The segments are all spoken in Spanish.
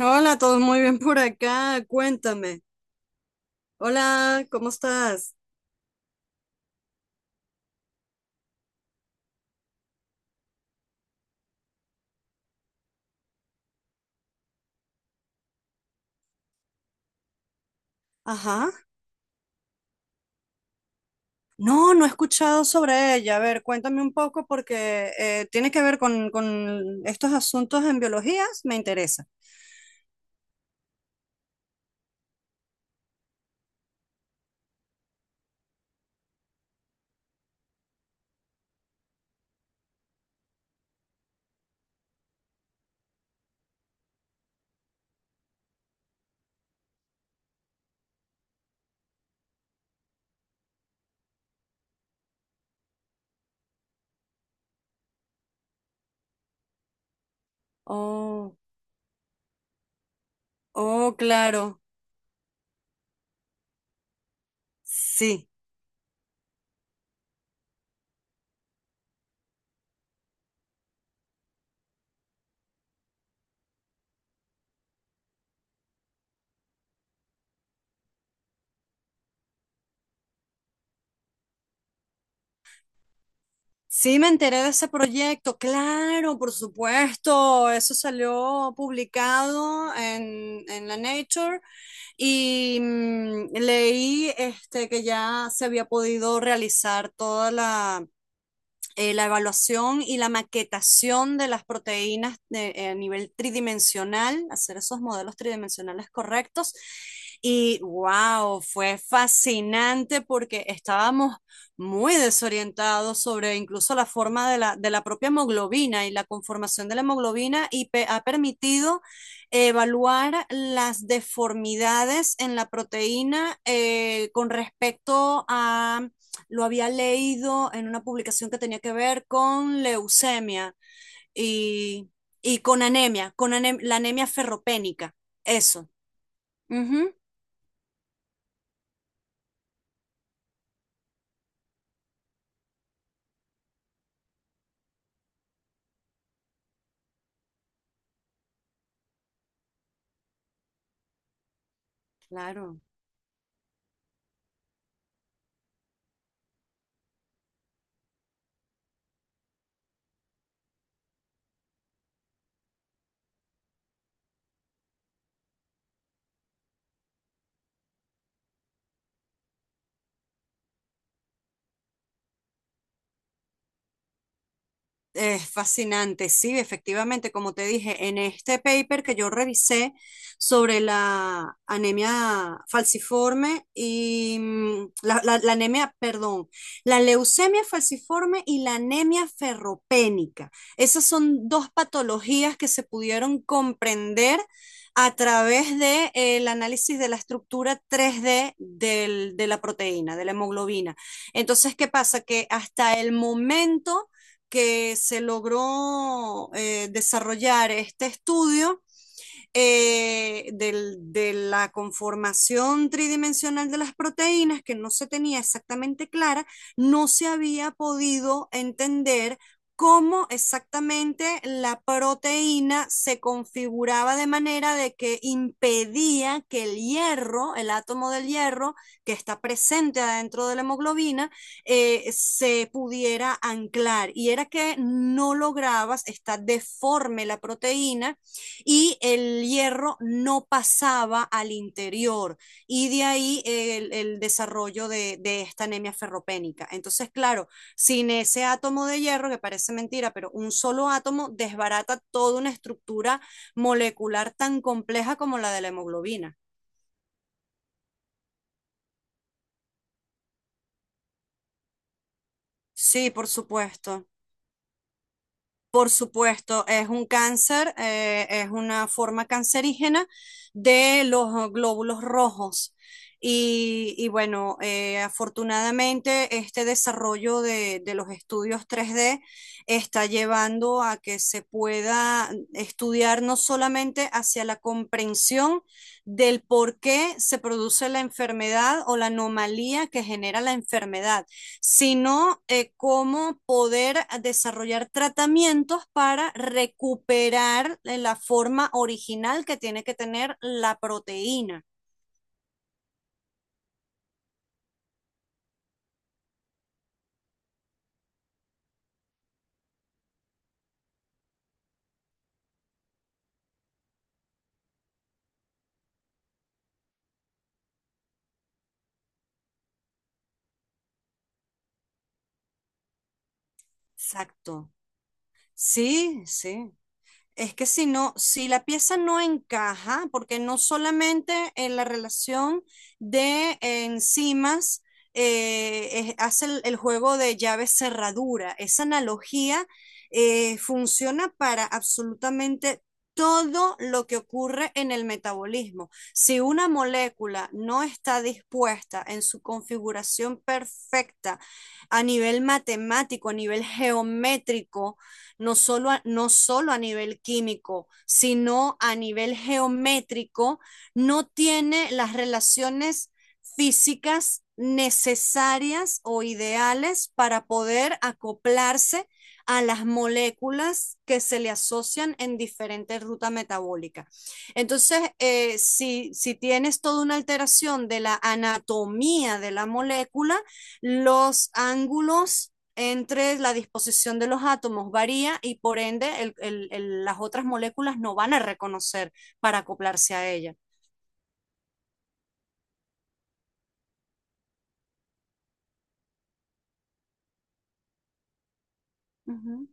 Hola, todo muy bien por acá. Cuéntame. Hola, ¿cómo estás? Ajá. No, no he escuchado sobre ella. A ver, cuéntame un poco porque tiene que ver con estos asuntos en biologías. Me interesa. Oh, oh, claro. Sí. Sí, me enteré de ese proyecto, claro, por supuesto, eso salió publicado en la Nature y leí este, que ya se había podido realizar toda la evaluación y la maquetación de las proteínas a nivel tridimensional, hacer esos modelos tridimensionales correctos. Y wow, fue fascinante porque estábamos muy desorientados sobre incluso la forma de la propia hemoglobina y la conformación de la hemoglobina y ha permitido evaluar las deformidades en la proteína con respecto a lo había leído en una publicación que tenía que ver con leucemia y, y con anemia, la anemia ferropénica, eso. Ujú. Claro. Es fascinante, sí, efectivamente, como te dije, en este paper que yo revisé sobre la anemia falciforme y la anemia, perdón, la leucemia falciforme y la anemia ferropénica. Esas son dos patologías que se pudieron comprender a través de el análisis de la estructura tres d de la proteína, de la hemoglobina. Entonces, ¿qué pasa? Que hasta el momento que se logró desarrollar este estudio de la conformación tridimensional de las proteínas, que no se tenía exactamente clara, no se había podido entender cómo exactamente la proteína se configuraba de manera de que impedía que el hierro, el átomo del hierro que está presente adentro de la hemoglobina, se pudiera anclar. Y era que no lograbas, está deforme la proteína y el hierro no pasaba al interior y de ahí el desarrollo de esta anemia ferropénica. Entonces, claro, sin ese átomo de hierro, que parece mentira, pero un solo átomo desbarata toda una estructura molecular tan compleja como la de la hemoglobina. Sí, por supuesto. Por supuesto, es un cáncer, es una forma cancerígena de los glóbulos rojos. Y bueno, afortunadamente este desarrollo de los estudios 3D está llevando a que se pueda estudiar no solamente hacia la comprensión del por qué se produce la enfermedad o la anomalía que genera la enfermedad, sino cómo poder desarrollar tratamientos para recuperar la forma original que tiene que tener la proteína. Exacto. Sí, sí. Es que si no, si la pieza no encaja, porque no solamente en la relación de enzimas hace el juego de llave cerradura, esa analogía funciona para absolutamente todo lo que ocurre en el metabolismo. Si una molécula no está dispuesta en su configuración perfecta a nivel matemático, a nivel geométrico, no solo a, no solo a nivel químico, sino a nivel geométrico, no tiene las relaciones físicas necesarias o ideales para poder acoplarse a las moléculas que se le asocian en diferentes rutas metabólicas. Entonces, si, si, tienes toda una alteración de la anatomía de la molécula, los ángulos entre la disposición de los átomos varía y por ende las otras moléculas no van a reconocer para acoplarse a ella. Ujú.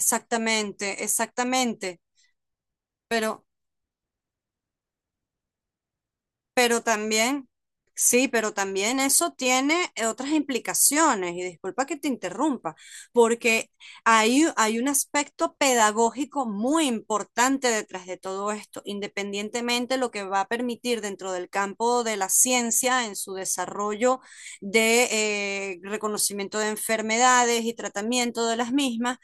Exactamente, exactamente. Pero Pero también, sí, pero también eso tiene otras implicaciones, y disculpa que te interrumpa, porque hay un aspecto pedagógico muy importante detrás de todo esto, independientemente lo que va a permitir dentro del campo de la ciencia en su desarrollo de reconocimiento de enfermedades y tratamiento de las mismas,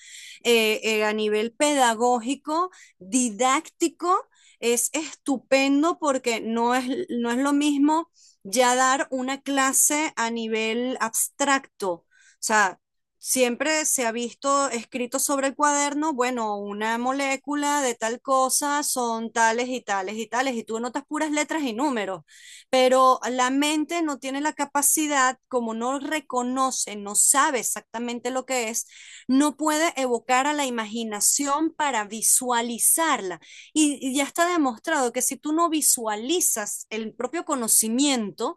a nivel pedagógico, didáctico es estupendo porque no es, no es lo mismo ya dar una clase a nivel abstracto. O sea, siempre se ha visto escrito sobre el cuaderno, bueno, una molécula de tal cosa son tales y tales y tales, y tú anotas puras letras y números, pero la mente no tiene la capacidad, como no reconoce, no sabe exactamente lo que es, no puede evocar a la imaginación para visualizarla. Y ya está demostrado que si tú no visualizas el propio conocimiento,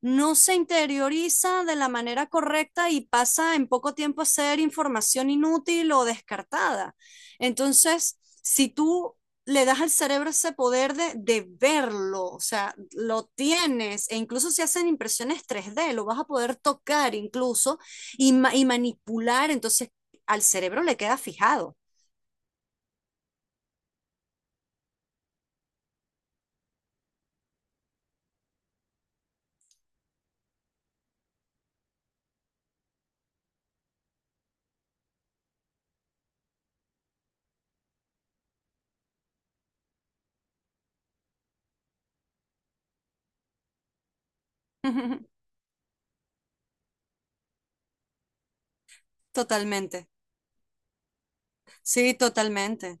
no se interioriza de la manera correcta y pasa en poco tiempo a ser información inútil o descartada. Entonces, si tú le das al cerebro ese poder de verlo, o sea, lo tienes, e incluso si hacen impresiones tres d lo vas a poder tocar incluso y manipular, entonces al cerebro le queda fijado. Totalmente. Sí, totalmente.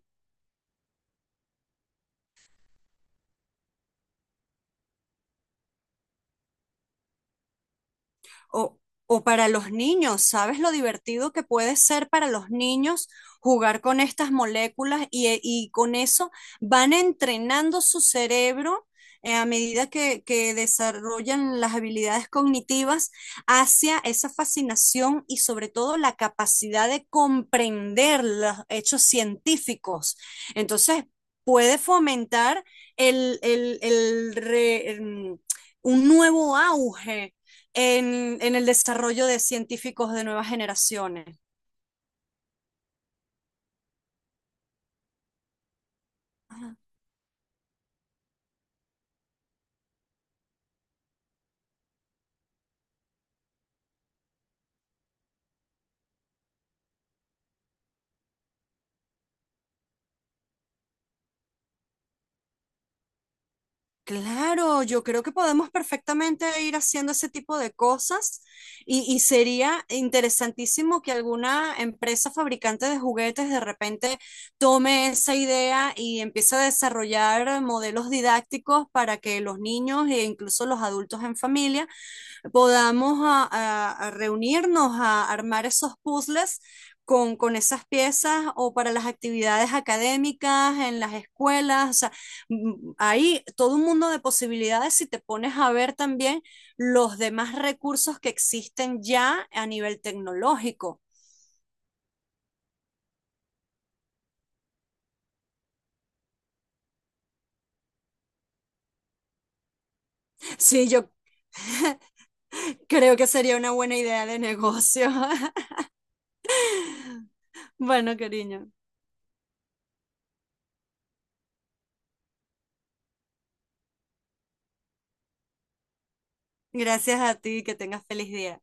O, o para los niños, ¿sabes lo divertido que puede ser para los niños jugar con estas moléculas y con eso van entrenando su cerebro a medida que desarrollan las habilidades cognitivas hacia esa fascinación y sobre todo la capacidad de comprender los hechos científicos? Entonces, puede fomentar el, el, el re- el- un nuevo auge en el desarrollo de científicos de nuevas generaciones. Ah, claro, yo creo que podemos perfectamente ir haciendo ese tipo de cosas y sería interesantísimo que alguna empresa fabricante de juguetes de repente tome esa idea y empiece a desarrollar modelos didácticos para que los niños e incluso los adultos en familia podamos a reunirnos a armar esos puzzles con esas piezas o para las actividades académicas en las escuelas. O sea, hay todo un mundo de posibilidades si te pones a ver también los demás recursos que existen ya a nivel tecnológico. Sí, yo creo que sería una buena idea de negocio. Bueno, cariño, gracias a ti, que tengas feliz día.